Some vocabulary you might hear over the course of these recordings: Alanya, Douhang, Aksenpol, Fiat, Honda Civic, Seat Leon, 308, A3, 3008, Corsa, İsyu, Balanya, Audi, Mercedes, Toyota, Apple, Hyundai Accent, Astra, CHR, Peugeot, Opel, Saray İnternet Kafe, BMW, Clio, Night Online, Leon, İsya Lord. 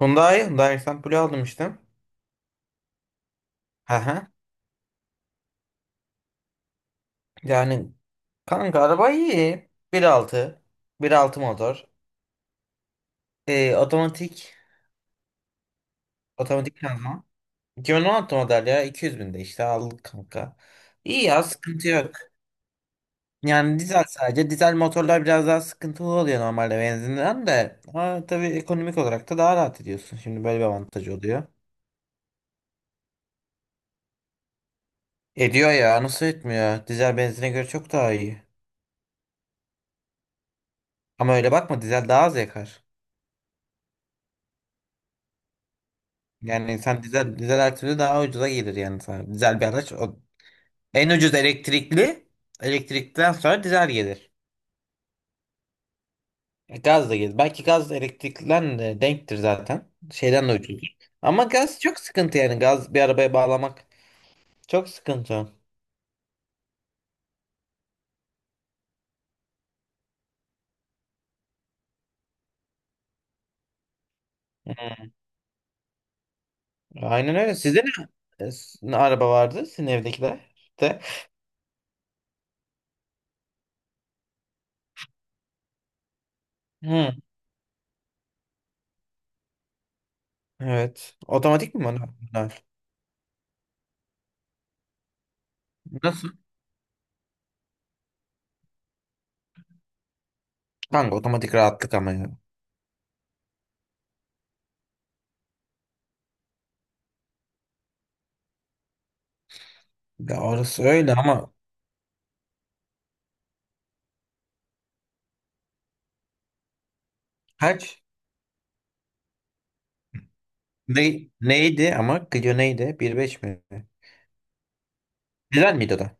Hyundai Accent aldım işte. Hı hı. Yani kanka araba iyi. Bir altı motor. Ee, otomatik, otomatik şanzıman. 2016 model ya, 200 binde işte aldık kanka. İyi ya, sıkıntı yok. Yani dizel sadece. Dizel motorlar biraz daha sıkıntılı oluyor normalde benzinden de. Ha, tabii ekonomik olarak da daha rahat ediyorsun. Şimdi böyle bir avantajı oluyor. Ediyor ya, nasıl etmiyor? Dizel benzine göre çok daha iyi. Ama öyle bakma, dizel daha az yakar. Yani sen dizel, her türlü daha ucuza gelir yani sana. Dizel bir araç. O, en ucuz elektrikli. Elektrikten sonra dizel gelir. Gaz da gelir. Belki gaz elektrikten de denktir zaten. Şeyden de ucuzdur. Ama gaz çok sıkıntı yani. Gaz bir arabaya bağlamak çok sıkıntı. Hı. Aynen öyle. Sizde ne araba vardı? Sizin evdekiler de. Hı. Evet. Otomatik mi bunlar? Bunlar. Nasıl? Kanka otomatik rahatlık ama ya. Ya orası öyle ama. Kaç? Neydi ama, Clio neydi? Bir nokta beş mi? Güzel miydi o da?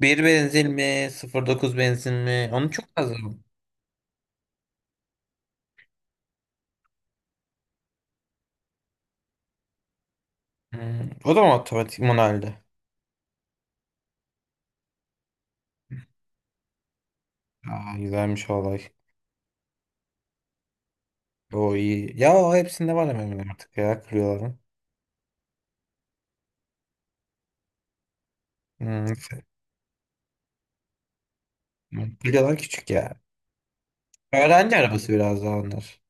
1 benzin mi? Sıfır dokuz benzin mi? Onu çok lazım. Hmm, o da mı otomatik, manueldi? Aa, güzelmiş o olay. O iyi. Ya o hepsinde var hemen hemen artık ya, Clio'ların. Hmm. Clio'lar küçük ya. Öğrenci arabası biraz daha onlar.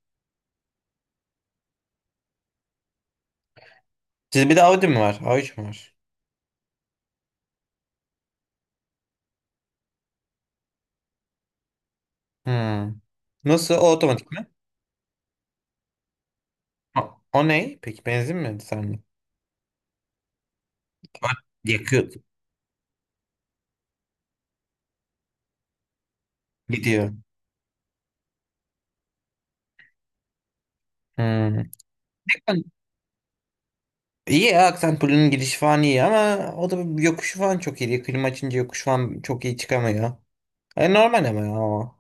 Siz bir de Audi mi var? A3 mü var? Hmm. Nasıl? O otomatik mi? O, o ne? Peki benzin mi? Sen mi? Yakıyor. Gidiyor. Hmm. İyi ya, Aksenpol'ün girişi falan iyi ama o da yokuşu falan çok iyi. Klima açınca yokuş falan çok iyi çıkamıyor. Normal ama ya o.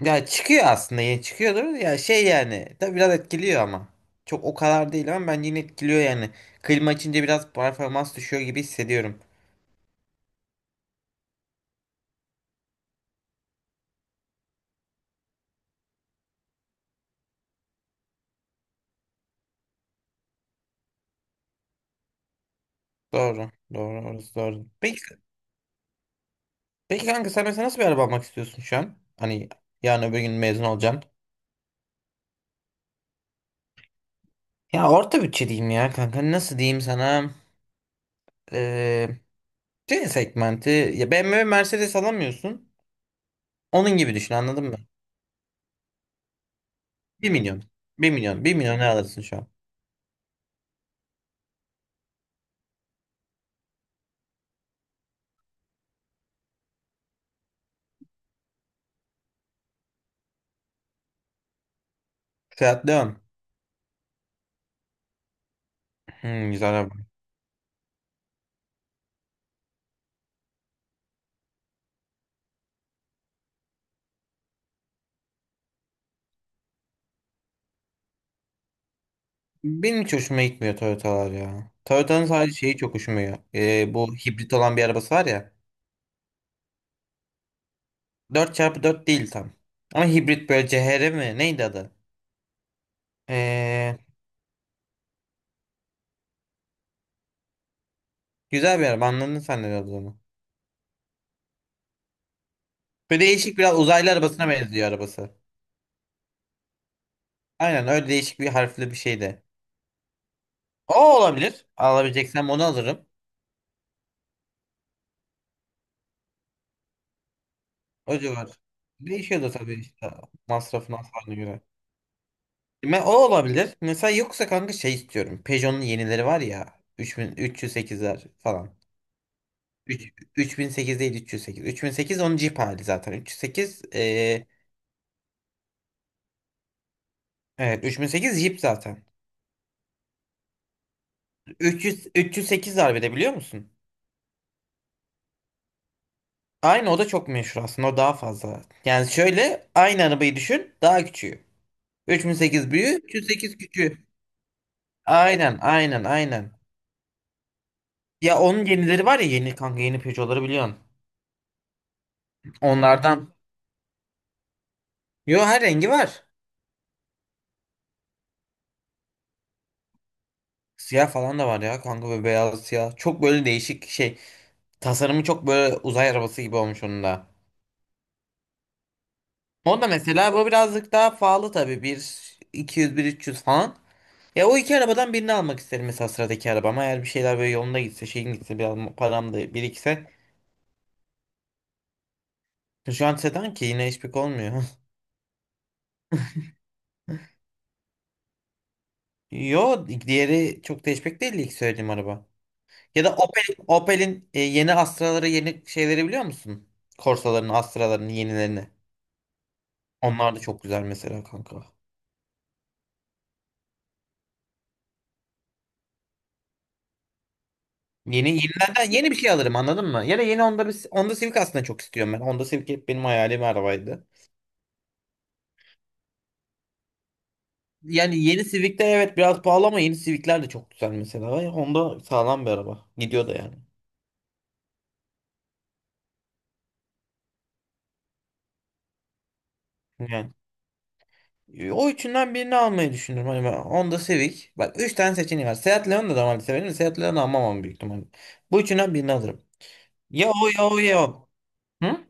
Ya çıkıyor aslında, ya çıkıyordur ya şey, yani tabii biraz etkiliyor ama. Çok o kadar değil ama bence yine etkiliyor yani. Klima açınca biraz performans düşüyor gibi hissediyorum. Doğru. Doğru, orası doğru. Peki, peki kanka, sen mesela nasıl bir araba almak istiyorsun şu an? Hani yarın öbür gün mezun olacaksın. Ya orta bütçe diyeyim ya kanka, nasıl diyeyim sana? C segmenti ya, BMW Mercedes alamıyorsun. Onun gibi düşün, anladın mı? Bir milyon. Bir milyon ne alırsın şu an? Fiat Leon. Hmm, güzel araba. Benim hiç hoşuma gitmiyor Toyota'lar ya. Toyota'nın sadece şeyi çok hoşuma gidiyor. Bu hibrit olan bir arabası var ya. Dört çarpı dört değil tam. Ama hibrit böyle CHR mi? Neydi adı? Ee, Güzel bir araba, anladın sen ne olduğunu. Böyle değişik, biraz uzaylı arabasına benziyor arabası. Aynen öyle, değişik bir harfli bir şey de. O olabilir. Alabileceksen onu alırım. O civar. Değişiyor da tabii işte, masrafın hasarına göre. O olabilir. Mesela yoksa kanka şey istiyorum. Peugeot'un yenileri var ya. Üç bin üç yüz sekizler falan. 3008 değil, üç yüz sekiz. Üç bin sekiz onun Jeep hali zaten. 308, evet 3008 Jeep zaten. 308 var bir de, biliyor musun? Aynı, o da çok meşhur aslında. O daha fazla. Yani şöyle, aynı arabayı düşün. Daha küçüğü. 3008 büyüğü, üç yüz sekiz küçüğü. Aynen, aynen, aynen. Ya onun yenileri var ya, yeni kanka, yeni Peugeot'ları biliyorsun. Onlardan. Yo, her rengi var. Siyah falan da var ya kanka, ve beyaz siyah. Çok böyle değişik şey. Tasarımı çok böyle uzay arabası gibi olmuş onun da. O da mesela bu birazcık daha pahalı tabii. Bir 200, bir 300 falan. Ya o iki arabadan birini almak isterim mesela sıradaki arabama. Eğer bir şeyler böyle yolunda gitse, şeyin gitse, biraz param da birikse. Şu an sedan ki yine hiçbir şey olmuyor. Yo, diğeri çok da hatchback değil ilk söylediğim araba. Ya da Opel, Opel'in yeni Astra'ları, yeni şeyleri biliyor musun? Corsa'larını, Astra'larını, yenilerini. Onlar da çok güzel mesela kanka. Yeni yenilerden yeni bir şey alırım, anladın mı? Ya da yeni Honda, Honda Civic aslında çok istiyorum ben. Honda Civic hep benim hayalim arabaydı. Yani yeni Civic'ler, evet biraz pahalı ama yeni Civic'ler de çok güzel mesela. Ya Honda sağlam bir araba. Gidiyor da yani. Yani o üçünden birini almayı düşünürüm. Hani ben Honda Civic. Bak, üç tane seçeneği var. Seat Leon'da da normalde severim. De Seat Leon'u almam ama büyük ihtimalle. Bu üçünden birini alırım. Ya o, ya o, ya o. Hı?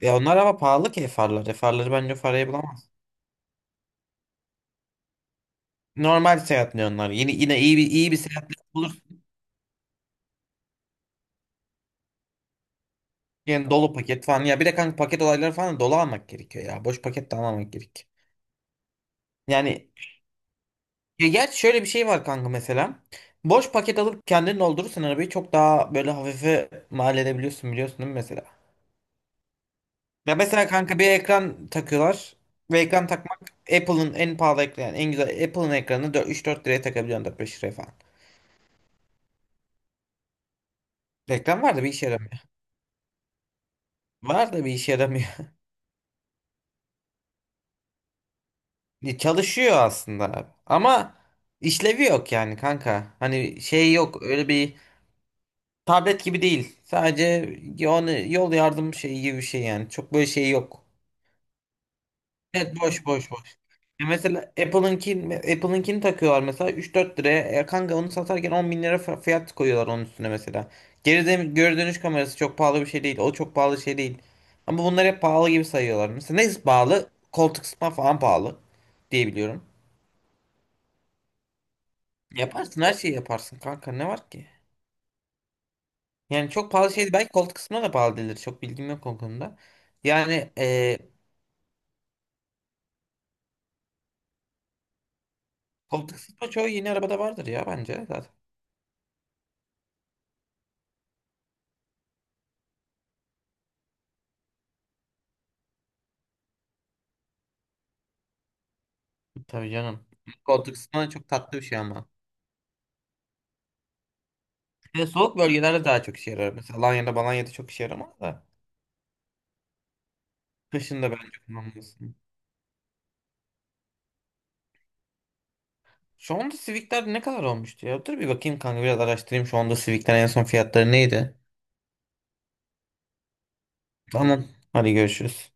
Ya onlar ama pahalı ki farlar. Farları bence o parayı bulamaz. Normal seyahatle onlar. Yine yine iyi bir, seyahatle bulur. Yani dolu paket falan. Ya bir de kanka paket olayları falan da dolu almak gerekiyor ya. Boş paket de almamak gerek. Yani, ya gerçi şöyle bir şey var kanka mesela. Boş paket alıp kendin doldurursan arabayı çok daha böyle hafife mal edebiliyorsun, biliyorsun değil mi mesela? Ya mesela kanka bir ekran takıyorlar. Ve ekran takmak, Apple'ın en pahalı ekranı yani, en güzel Apple'ın ekranını üç dört liraya takabiliyorsun, dört beş liraya falan. Reklam var da bir işe yaramıyor. Var da bir işe yaramıyor. Ya, çalışıyor aslında abi. Ama işlevi yok yani kanka. Hani şey yok, öyle bir tablet gibi değil. Sadece yani, yol yardım şeyi gibi bir şey yani. Çok böyle şey yok. Evet, boş, boş, boş. Ya mesela Apple'ınki, Apple'ınkini takıyorlar mesela üç dört liraya. Kanka onu satarken 10 bin lira fiyat koyuyorlar onun üstüne mesela. Geri dönüş kamerası çok pahalı bir şey değil. O çok pahalı şey değil. Ama bunları hep pahalı gibi sayıyorlar. Mesela ne pahalı? Koltuk ısıtma falan pahalı diye biliyorum. Yaparsın, her şeyi yaparsın kanka, ne var ki? Yani çok pahalı şey, belki koltuk ısıtma da pahalı değildir. Çok bilgim yok o konuda. Yani koltuk ısıtma çoğu yeni arabada vardır ya bence zaten. Tabii canım. Koltuk ısıtma da çok tatlı bir şey ama. Ve soğuk bölgelerde daha çok işe yarar. Mesela Alanya'da Balanya'da çok işe yaramaz da. Kışın da bence kullanmalısın. Şu anda Civic'ler ne kadar olmuştu ya? Dur bir bakayım kanka, biraz araştırayım. Şu anda Civic'ler en son fiyatları neydi? Tamam. Hadi görüşürüz.